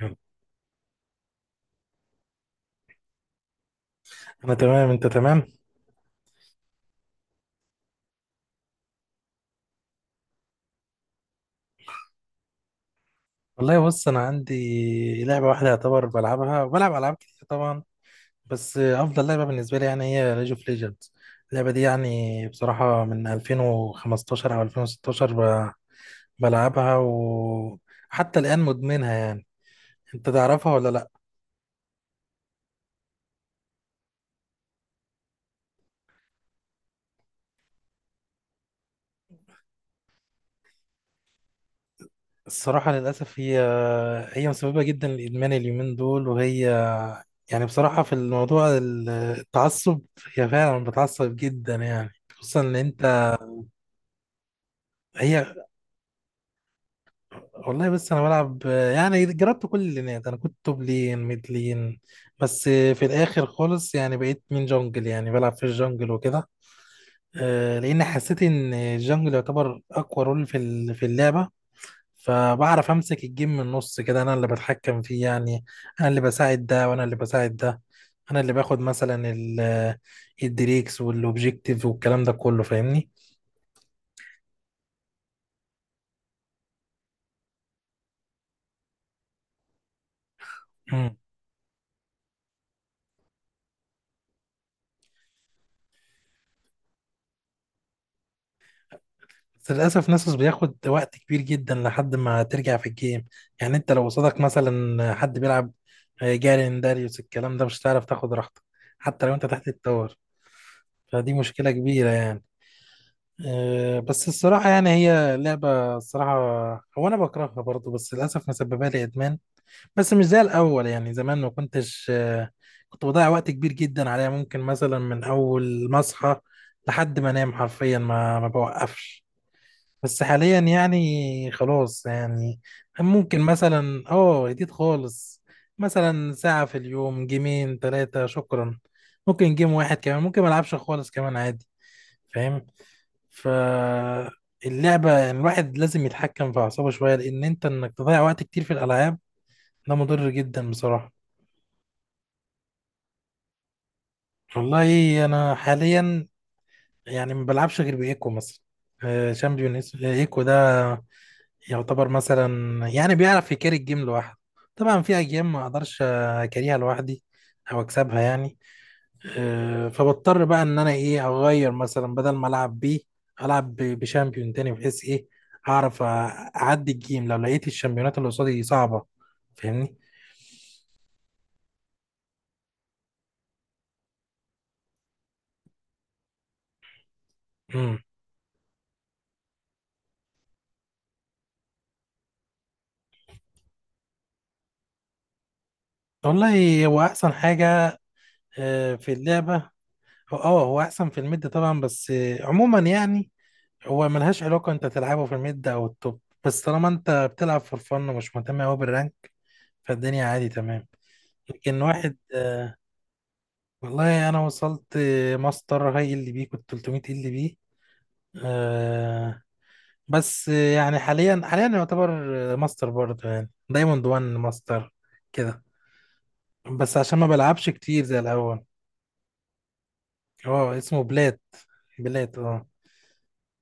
انا تمام، انت تمام. والله بص انا عندي لعبه واحده يعتبر بلعبها، وبلعب العاب كتير طبعا. بس افضل لعبه بالنسبه لي يعني هي ليج اوف ليجندز. اللعبه دي يعني بصراحه من 2015 او 2016 بلعبها وحتى الان مدمنها يعني. انت تعرفها ولا لا؟ الصراحه للاسف هي مسببه جدا لادمان اليومين دول، وهي يعني بصراحه في الموضوع التعصب، هي فعلا بتعصب جدا يعني. خصوصا ان انت... هي والله بس انا بلعب، يعني جربت كل اللينات. انا كنت توب لين، ميد لين، بس في الاخر خالص يعني بقيت من جونجل، يعني بلعب في الجونجل وكده. لان حسيت ان الجونجل يعتبر اقوى رول في في اللعبه. فبعرف امسك الجيم من النص كده، انا اللي بتحكم فيه يعني. انا اللي بساعد ده وانا اللي بساعد ده. انا اللي باخد مثلا الدريكس والاوبجيكتيف والكلام ده كله، فاهمني؟ بس للأسف ناسوس بياخد وقت كبير جدا لحد ما ترجع في الجيم. يعني انت لو قصادك مثلا حد بيلعب جارين، داريوس، الكلام ده، مش هتعرف تاخد راحتك حتى لو انت تحت التور. فدي مشكلة كبيرة يعني. بس الصراحة يعني هي لعبة الصراحة. هو أنا بكرهها برضه، بس للأسف مسببة لي إدمان. بس مش زي الأول، يعني زمان ما كنتش كنت بضيع وقت كبير جدا عليها. ممكن مثلا من أول ما أصحى لحد ما أنام حرفيا ما بوقفش. بس حاليا يعني خلاص يعني. ممكن مثلا جديد خالص مثلا ساعة في اليوم، جيمين تلاتة شكرا. ممكن جيم واحد كمان، ممكن ملعبش خالص كمان عادي، فاهم؟ فاللعبة يعني الواحد لازم يتحكم في أعصابه شوية، لأن أنت إنك تضيع وقت كتير في الألعاب ده مضر جدا بصراحة. والله أنا حاليا يعني ما بلعبش غير بإيكو مثلا. شامبيون إيكو ده يعتبر مثلا يعني بيعرف يكاري الجيم لوحده. طبعا في اجيال ما اقدرش اكاريها لوحدي، او اكسبها يعني. فبضطر بقى ان انا ايه، اغير مثلا، بدل ما العب بيه العب بشامبيون تاني، بحيث ايه، هعرف اعدي الجيم لو لقيت الشامبيونات اللي قصادي صعبة، فاهمني؟ امم والله هو احسن حاجة في اللعبة. هو احسن في الميد طبعا، بس عموما يعني هو ملهاش علاقة انت تلعبه في الميد او التوب، بس طالما انت بتلعب فور فن ومش مهتم اوي بالرانك، فالدنيا عادي تمام. لكن واحد... والله انا وصلت ماستر هاي ال بي، كنت 300 ال بي. آه. بس يعني حاليا يعتبر ماستر برضه يعني، دايموند 1 ماستر كده. بس عشان ما بلعبش كتير زي الاول. هو اسمه بلات. بلات اه.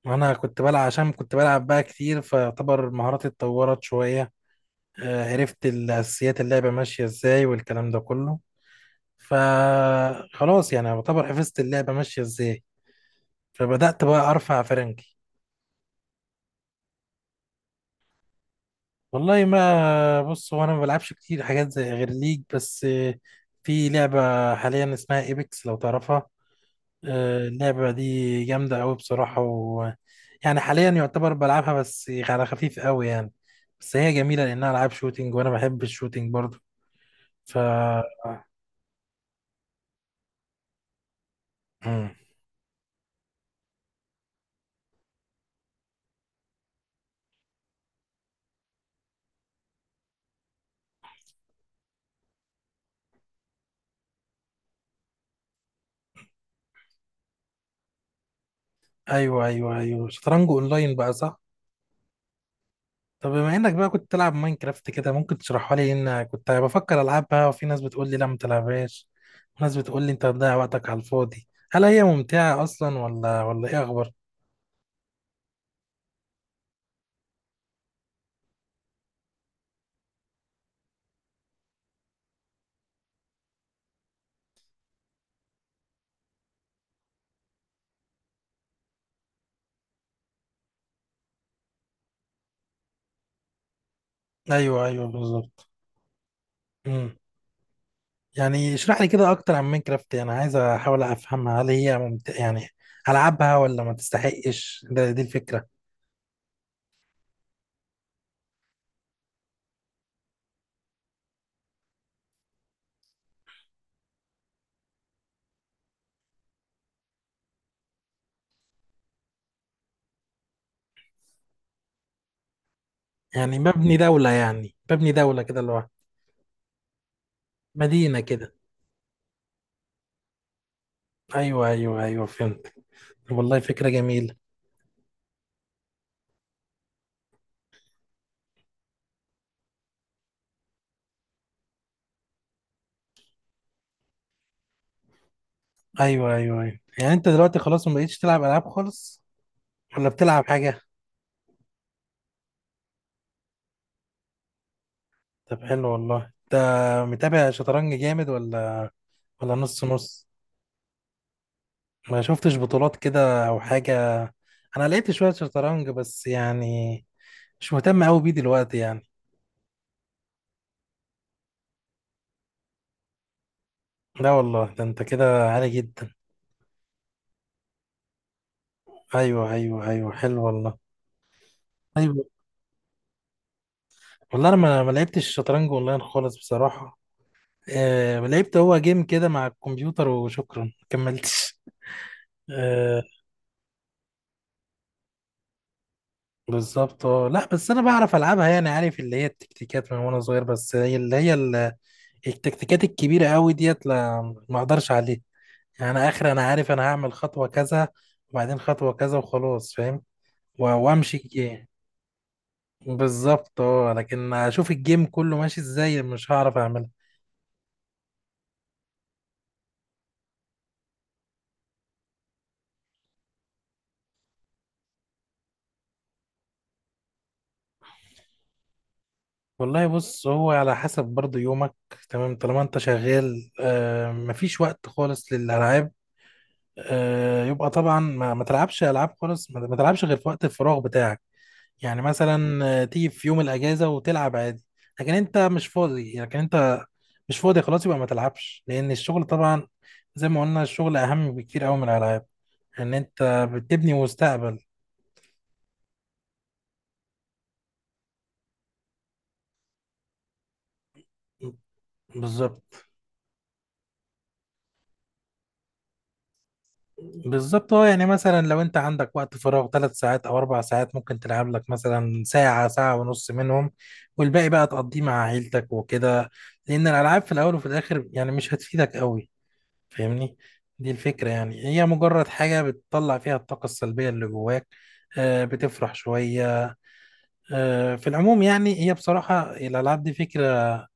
وانا كنت بلعب، عشان كنت بلعب بقى كتير فيعتبر مهاراتي اتطورت شوية. عرفت الأساسيات اللعبة ماشية إزاي والكلام ده كله. فخلاص يعني يعتبر حفظت اللعبة ماشية إزاي، فبدأت بقى أرفع فرنكي. والله ما بص، هو أنا ما بلعبش كتير حاجات زي غير ليج، بس في لعبة حاليا اسمها إيبكس لو تعرفها. اللعبة دي جامدة أوي بصراحة. و يعني حاليا يعتبر بلعبها بس على خفيف أوي يعني. بس هي جميلة لأنها ألعاب شوتينج وأنا بحب الشوتينج برضه، ف... مم. ايوه ايوه ايوه، شطرنج اونلاين بقى، صح؟ طب بما انك بقى كنت تلعب ماينكرافت كده، ممكن تشرحها لي؟ ان كنت بفكر العبها، وفي ناس بتقول لي لا ما تلعبهاش، وناس بتقول لي انت بتضيع وقتك على الفاضي، هل هي ممتعة اصلا ولا ايه اخبار؟ ايوه ايوه بالظبط. امم يعني اشرح لي كده اكتر عن ماينكرافت، انا عايز احاول افهمها، هل هي ممتعة يعني، العبها ولا ما تستحقش؟ ده دي الفكرة. يعني ببني دولة، يعني ببني دولة كده اللي هو... مدينة كده. ايوه ايوه ايوه فهمت. طب والله فكرة جميلة. ايوه ايوه ايوه، يعني انت دلوقتي خلاص ما بقيتش تلعب العاب خالص، ولا بتلعب حاجه؟ طب حلو والله، انت متابع شطرنج جامد، ولا ولا نص نص؟ ما شفتش بطولات كده او حاجه؟ انا لقيت شويه شطرنج بس يعني مش مهتم قوي بيه دلوقتي يعني. لا والله ده انت كده عالي جدا. ايوه ايوه ايوه حلو والله. ايوه. والله انا ما لعبتش شطرنج اونلاين خالص بصراحه. آه، لعبت هو جيم كده مع الكمبيوتر وشكرا ما كملتش. آه، بالظبط. اه، لا بس انا بعرف العبها، يعني عارف اللي هي التكتيكات من وانا صغير، بس هي اللي هي التكتيكات الكبيره قوي ديت لا، ما اقدرش عليها. يعني انا اخر، انا عارف انا هعمل خطوه كذا وبعدين خطوه كذا وخلاص، فاهم؟ و- وامشي الجيم. بالظبط اه، لكن اشوف الجيم كله ماشي ازاي مش هعرف اعملها. والله بص، هو على حسب برضو يومك. تمام، طالما انت شغال آه مفيش وقت خالص للالعاب، يبقى طبعا ما تلعبش العاب خالص، ما تلعبش غير في وقت الفراغ بتاعك. يعني مثلا تيجي في يوم الاجازه وتلعب عادي. لكن انت مش فاضي، لكن انت مش فاضي خلاص، يبقى ما تلعبش، لان الشغل طبعا زي ما قلنا الشغل اهم بكتير قوي من الالعاب، ان انت بتبني مستقبل. بالظبط بالظبط. اه يعني مثلا لو انت عندك وقت فراغ ثلاث ساعات او اربع ساعات، ممكن تلعب لك مثلا ساعة، ساعة ونص منهم، والباقي بقى تقضيه مع عيلتك وكده. لان الالعاب في الاول وفي الاخر يعني مش هتفيدك قوي، فاهمني؟ دي الفكرة، يعني هي مجرد حاجة بتطلع فيها الطاقة السلبية اللي جواك، بتفرح شوية. في العموم يعني هي بصراحة الألعاب دي فكرة،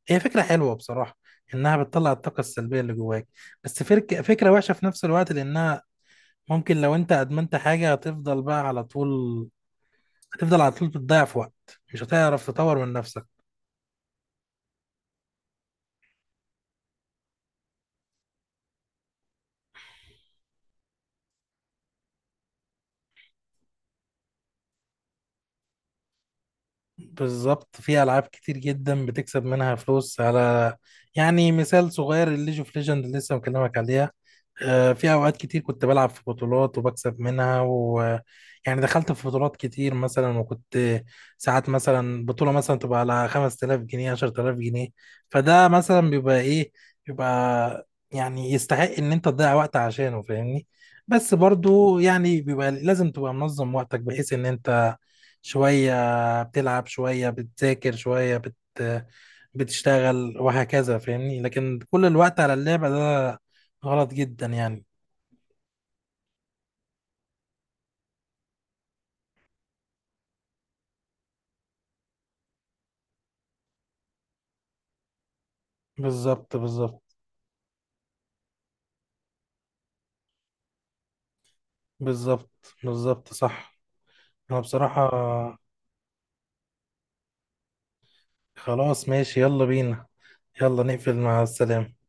هي فكرة حلوة بصراحة إنها بتطلع الطاقة السلبية اللي جواك، بس فكرة وحشة في نفس الوقت، لأنها ممكن لو أنت أدمنت حاجة هتفضل بقى على طول، هتفضل على طول بتضيع في وقت مش هتعرف تطور من نفسك. بالظبط، في ألعاب كتير جدا بتكسب منها فلوس، على يعني مثال صغير الليج اوف ليجند اللي لسه مكلمك عليها، في اوقات كتير كنت بلعب في بطولات وبكسب منها. و يعني دخلت في بطولات كتير مثلا، وكنت ساعات مثلا بطولة مثلا تبقى على 5000 جنيه، 10000 جنيه، فده مثلا بيبقى ايه، بيبقى يعني يستحق ان انت تضيع وقت عشانه، فاهمني؟ بس برضو يعني بيبقى لازم تبقى منظم وقتك، بحيث ان انت شوية بتلعب شوية بتذاكر شوية بتشتغل، وهكذا فاهمني؟ لكن كل الوقت على اللعبة ده غلط جدا يعني. بالظبط بالظبط. بالظبط بالظبط صح. انا بصراحة... خلاص ماشي، يلا بينا. يلا نقفل، مع السلامة.